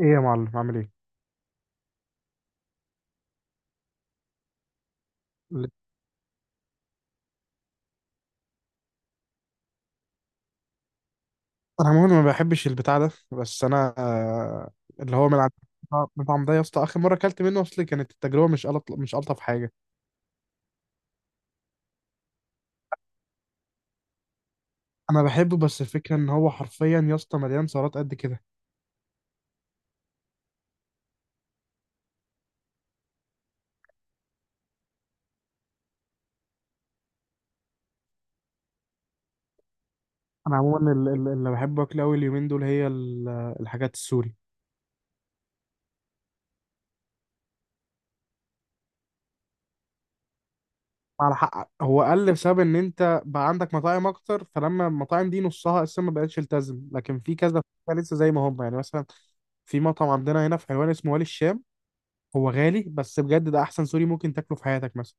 ايه يا معلم، عامل ايه؟ انا عموما ما بحبش البتاع ده، بس انا اللي هو من عند المطعم ده يا اسطى. اخر مره اكلت منه، اصل كانت التجربه مش مش الطف حاجه. انا بحبه، بس الفكره ان هو حرفيا يا اسطى مليان سعرات قد كده. انا عموما اللي بحبه اكل قوي اليومين دول هي الحاجات السوري. على حق، هو قل بسبب ان انت بقى عندك مطاعم اكتر، فلما المطاعم دي نصها اساسا ما بقتش التزم، لكن في كذا لسه زي ما هم. يعني مثلا في مطعم عندنا هنا في حلوان اسمه والي الشام. هو غالي، بس بجد ده احسن سوري ممكن تاكله في حياتك مثلا.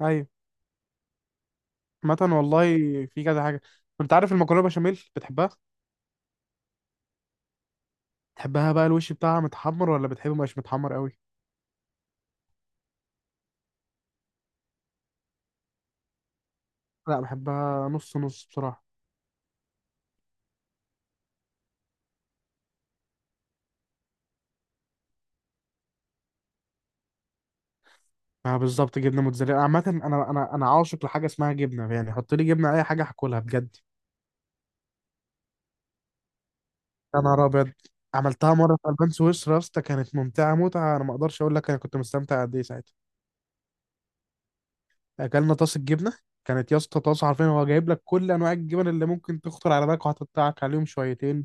ايوه. عامة والله في كذا حاجه. انت عارف المكرونه بشاميل بتحبها؟ بتحبها بقى الوش بتاعها متحمر ولا بتحبه مش متحمر قوي؟ لا بحبها نص نص بصراحه. اه بالظبط. جبنه موتزاريلا. عامه انا عاشق لحاجه اسمها جبنه. يعني حط لي جبنه اي حاجه هاكلها بجد. يا نهار ابيض. عملتها مره في البان سويسرا يا اسطى. كانت ممتعه متعه، انا ما اقدرش اقول لك انا كنت مستمتع قد ايه ساعتها. اكلنا طاسه جبنه. كانت يا اسطى طاسه، حرفيا هو جايب لك كل انواع الجبن اللي ممكن تخطر على بالك، وهتقطعك عليهم شويتين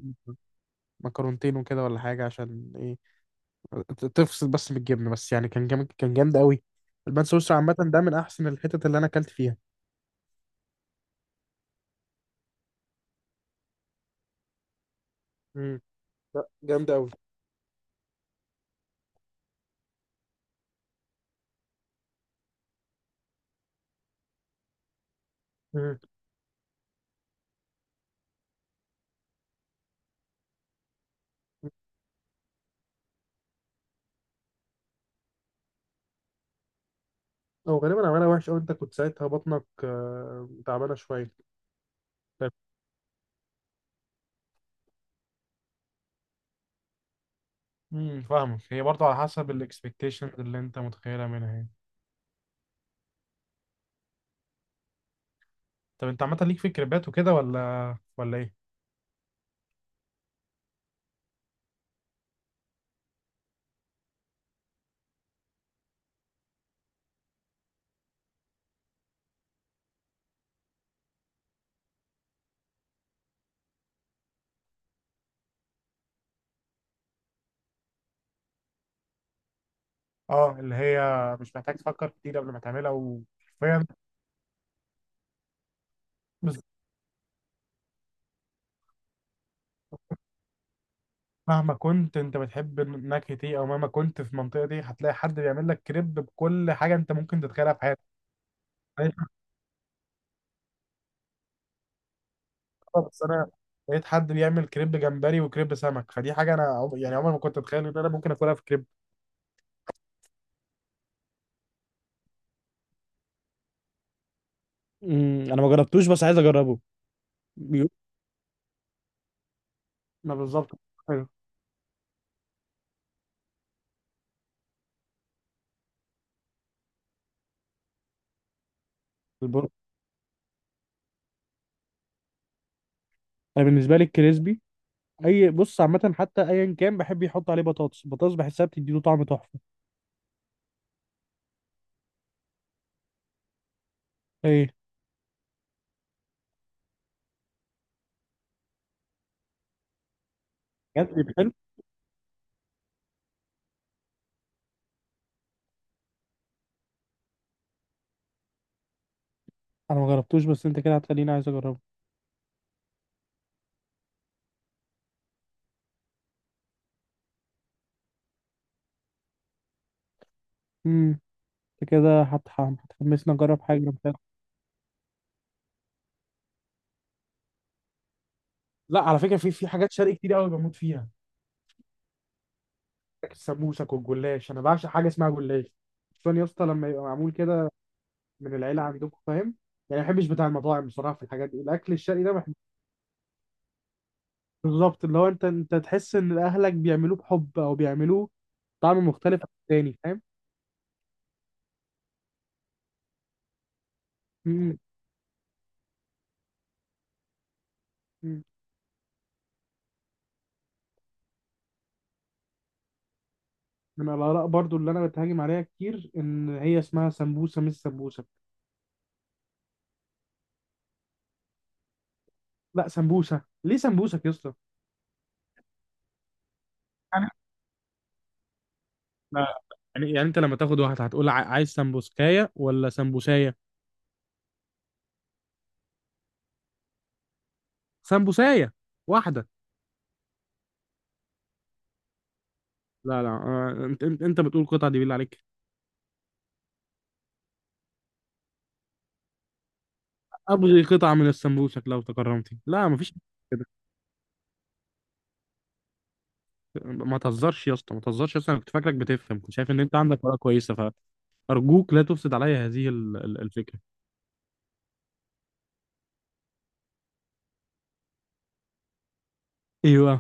مكرونتين وكده ولا حاجه. عشان ايه؟ تفصل بس من الجبنه. بس يعني كان جامد، كان جامد قوي. البان سويسرا عامه ده من احسن الحتت اللي انا اكلت فيها. امم. لا جامد قوي. امم هو غالبا عملها وحش قوي. انت كنت ساعتها بطنك تعبانه شويه. فاهمك. هي برضه على حسب الاكسبكتيشنز اللي انت متخيلها منها يعني. طب انت عامه ليك في الكريبات وكده ولا ايه؟ اه اللي هي مش محتاج تفكر كتير قبل ما تعملها، وحرفيا. بس مهما كنت انت بتحب النكهه دي، او مهما كنت في المنطقه دي، هتلاقي حد بيعمل لك كريب بكل حاجه انت ممكن تتخيلها في حياتك. أنا مش عارف، بس انا لقيت حد بيعمل كريب جمبري وكريب سمك، فدي حاجه انا يعني عمري ما كنت اتخيل ان انا ممكن اكلها في كريب. انا ما جربتوش بس عايز اجربه. بيقول. ما بالظبط. حلو. البر... انا بالنسبه لي الكريسبي. اي بص عامه حتى ايا كان بحب يحط عليه بطاطس. البطاطس بحسها بتديله طعم تحفه. ايه. بجد. انا ما جربتوش، بس انت كده هتخليني عايز اجربه. امم. انت كده هتحمسني اجرب حاجه أنا مش عارف. لا على فكره في حاجات شرقي كتير قوي بموت فيها. السموسك والجلاش. انا بعشق حاجه اسمها جلاش، خصوصا يا اسطى لما يبقى معمول كده، من العيله عندكم فاهم؟ يعني ما بحبش بتاع المطاعم بصراحه في الحاجات دي. الاكل الشرقي ده بحب. بالظبط اللي هو انت انت تحس ان اهلك بيعملوه بحب، او بيعملوه طعم مختلف عن التاني فاهم؟ م- م- من الاراء برضو اللي انا بتهاجم عليها كتير ان هي اسمها سمبوسه مش سمبوسه. لا سمبوسه ليه سمبوسك يا اسطى؟ يعني إحنا- يعني انت لما تاخد واحد هتقول عايز سمبوسكايه ولا سمبوسايه؟ سمبوسايه واحده. لا لا، انت بتقول قطعه دي بالله عليك؟ ابغي قطعه من السمبوسك لو تكرمتي. لا مفيش كده. ما تهزرش يا اسطى، ما تهزرش يا اسطى. انا كنت فاكرك بتفهم، كنت شايف ان انت عندك ورقه كويسه. فارجوك لا تفسد عليا هذه الفكره. ايوه.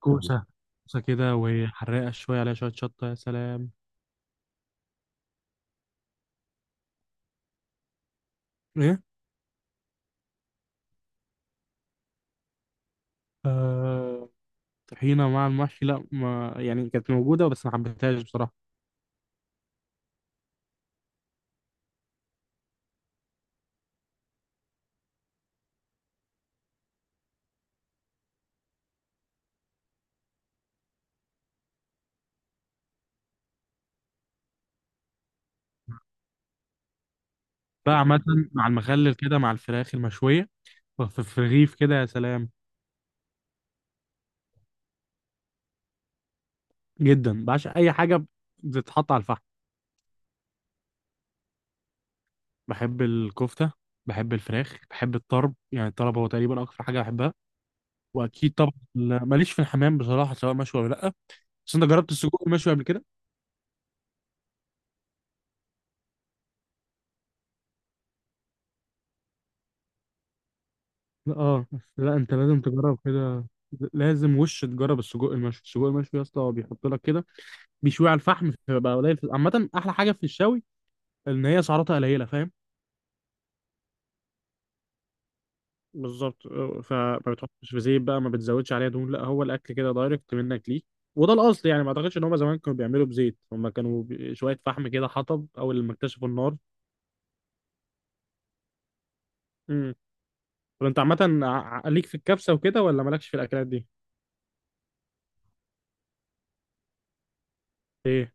كوسه. كوسه كده وحرقه شويه عليها شويه شطه، يا سلام. ايه. آه... طحينه مع المحشي، لا ما يعني كانت موجوده بس ما حبيتهاش بصراحه. بقى عامة مع المخلل كده مع الفراخ المشوية، في رغيف كده، يا سلام. جدا بعشق أي حاجة بتتحط على الفحم. بحب الكفتة، بحب الفراخ، بحب الطرب. يعني الطرب هو تقريبا أكتر حاجة بحبها. وأكيد طبعا. ماليش في الحمام بصراحة، سواء مشوي ولا لأ. بس أنت جربت السجق المشوي قبل كده؟ لا اه، بس لا أنت لازم تجرب كده. لازم وش تجرب السجق المشوي. السجق المشوي يا اسطى هو بيحط لك كده، بيشوي على الفحم، فبقى قليل. عامة أحلى حاجة في الشوي إن هي سعراتها قليلة فاهم؟ بالظبط، فما بتحطش في زيت بقى، ما بتزودش عليها دهون. لا هو الاكل كده دايركت منك ليه، وده الاصل. يعني ما اعتقدش ان هم زمان كانوا بيعملوا بزيت، هم كانوا شويه فحم كده، حطب، اول لما اكتشفوا النار. امم. طب انت عامه ليك في الكبسه وكده ولا مالكش في الاكلات دي؟ ايه.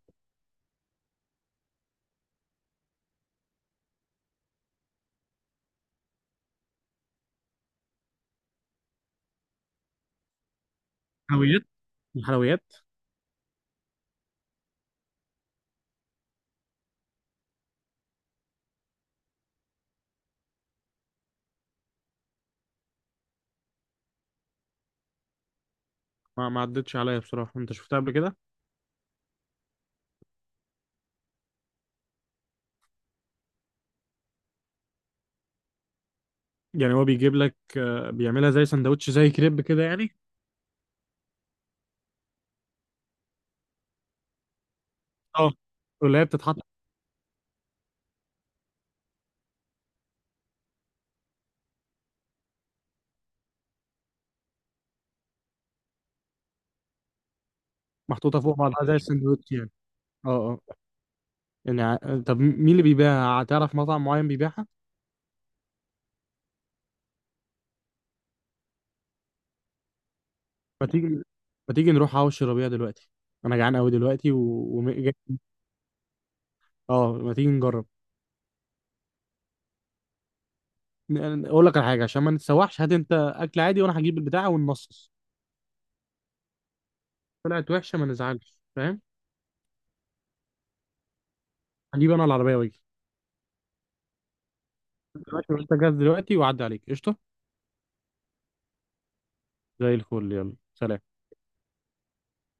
حلويات. الحلويات. ما عدتش عليا بصراحه. انت شفتها قبل كده؟ يعني هو بيجيب لك، بيعملها زي سندوتش، زي كريب كده يعني. اه. واللي هي بتتحط محطوطه فوق بعضها زي السندوتش يعني. اه اه. يعني طب مين اللي بيبيعها؟ تعرف مطعم معين بيبيعها؟ ما تيجي، ما تيجي نروح حوش ربيع دلوقتي، انا جعان قوي دلوقتي اه ما تيجي نجرب. اقول لك على حاجه عشان ما نتسوحش، هات انت اكل عادي وانا هجيب البتاع وننصص. طلعت وحشه، ما نزعلش فاهم؟ هجيب انا العربيه واجي. دلوقتي انت جاهز؟ دلوقتي وعدي عليك قشطه. زي الفل، يلا سلام.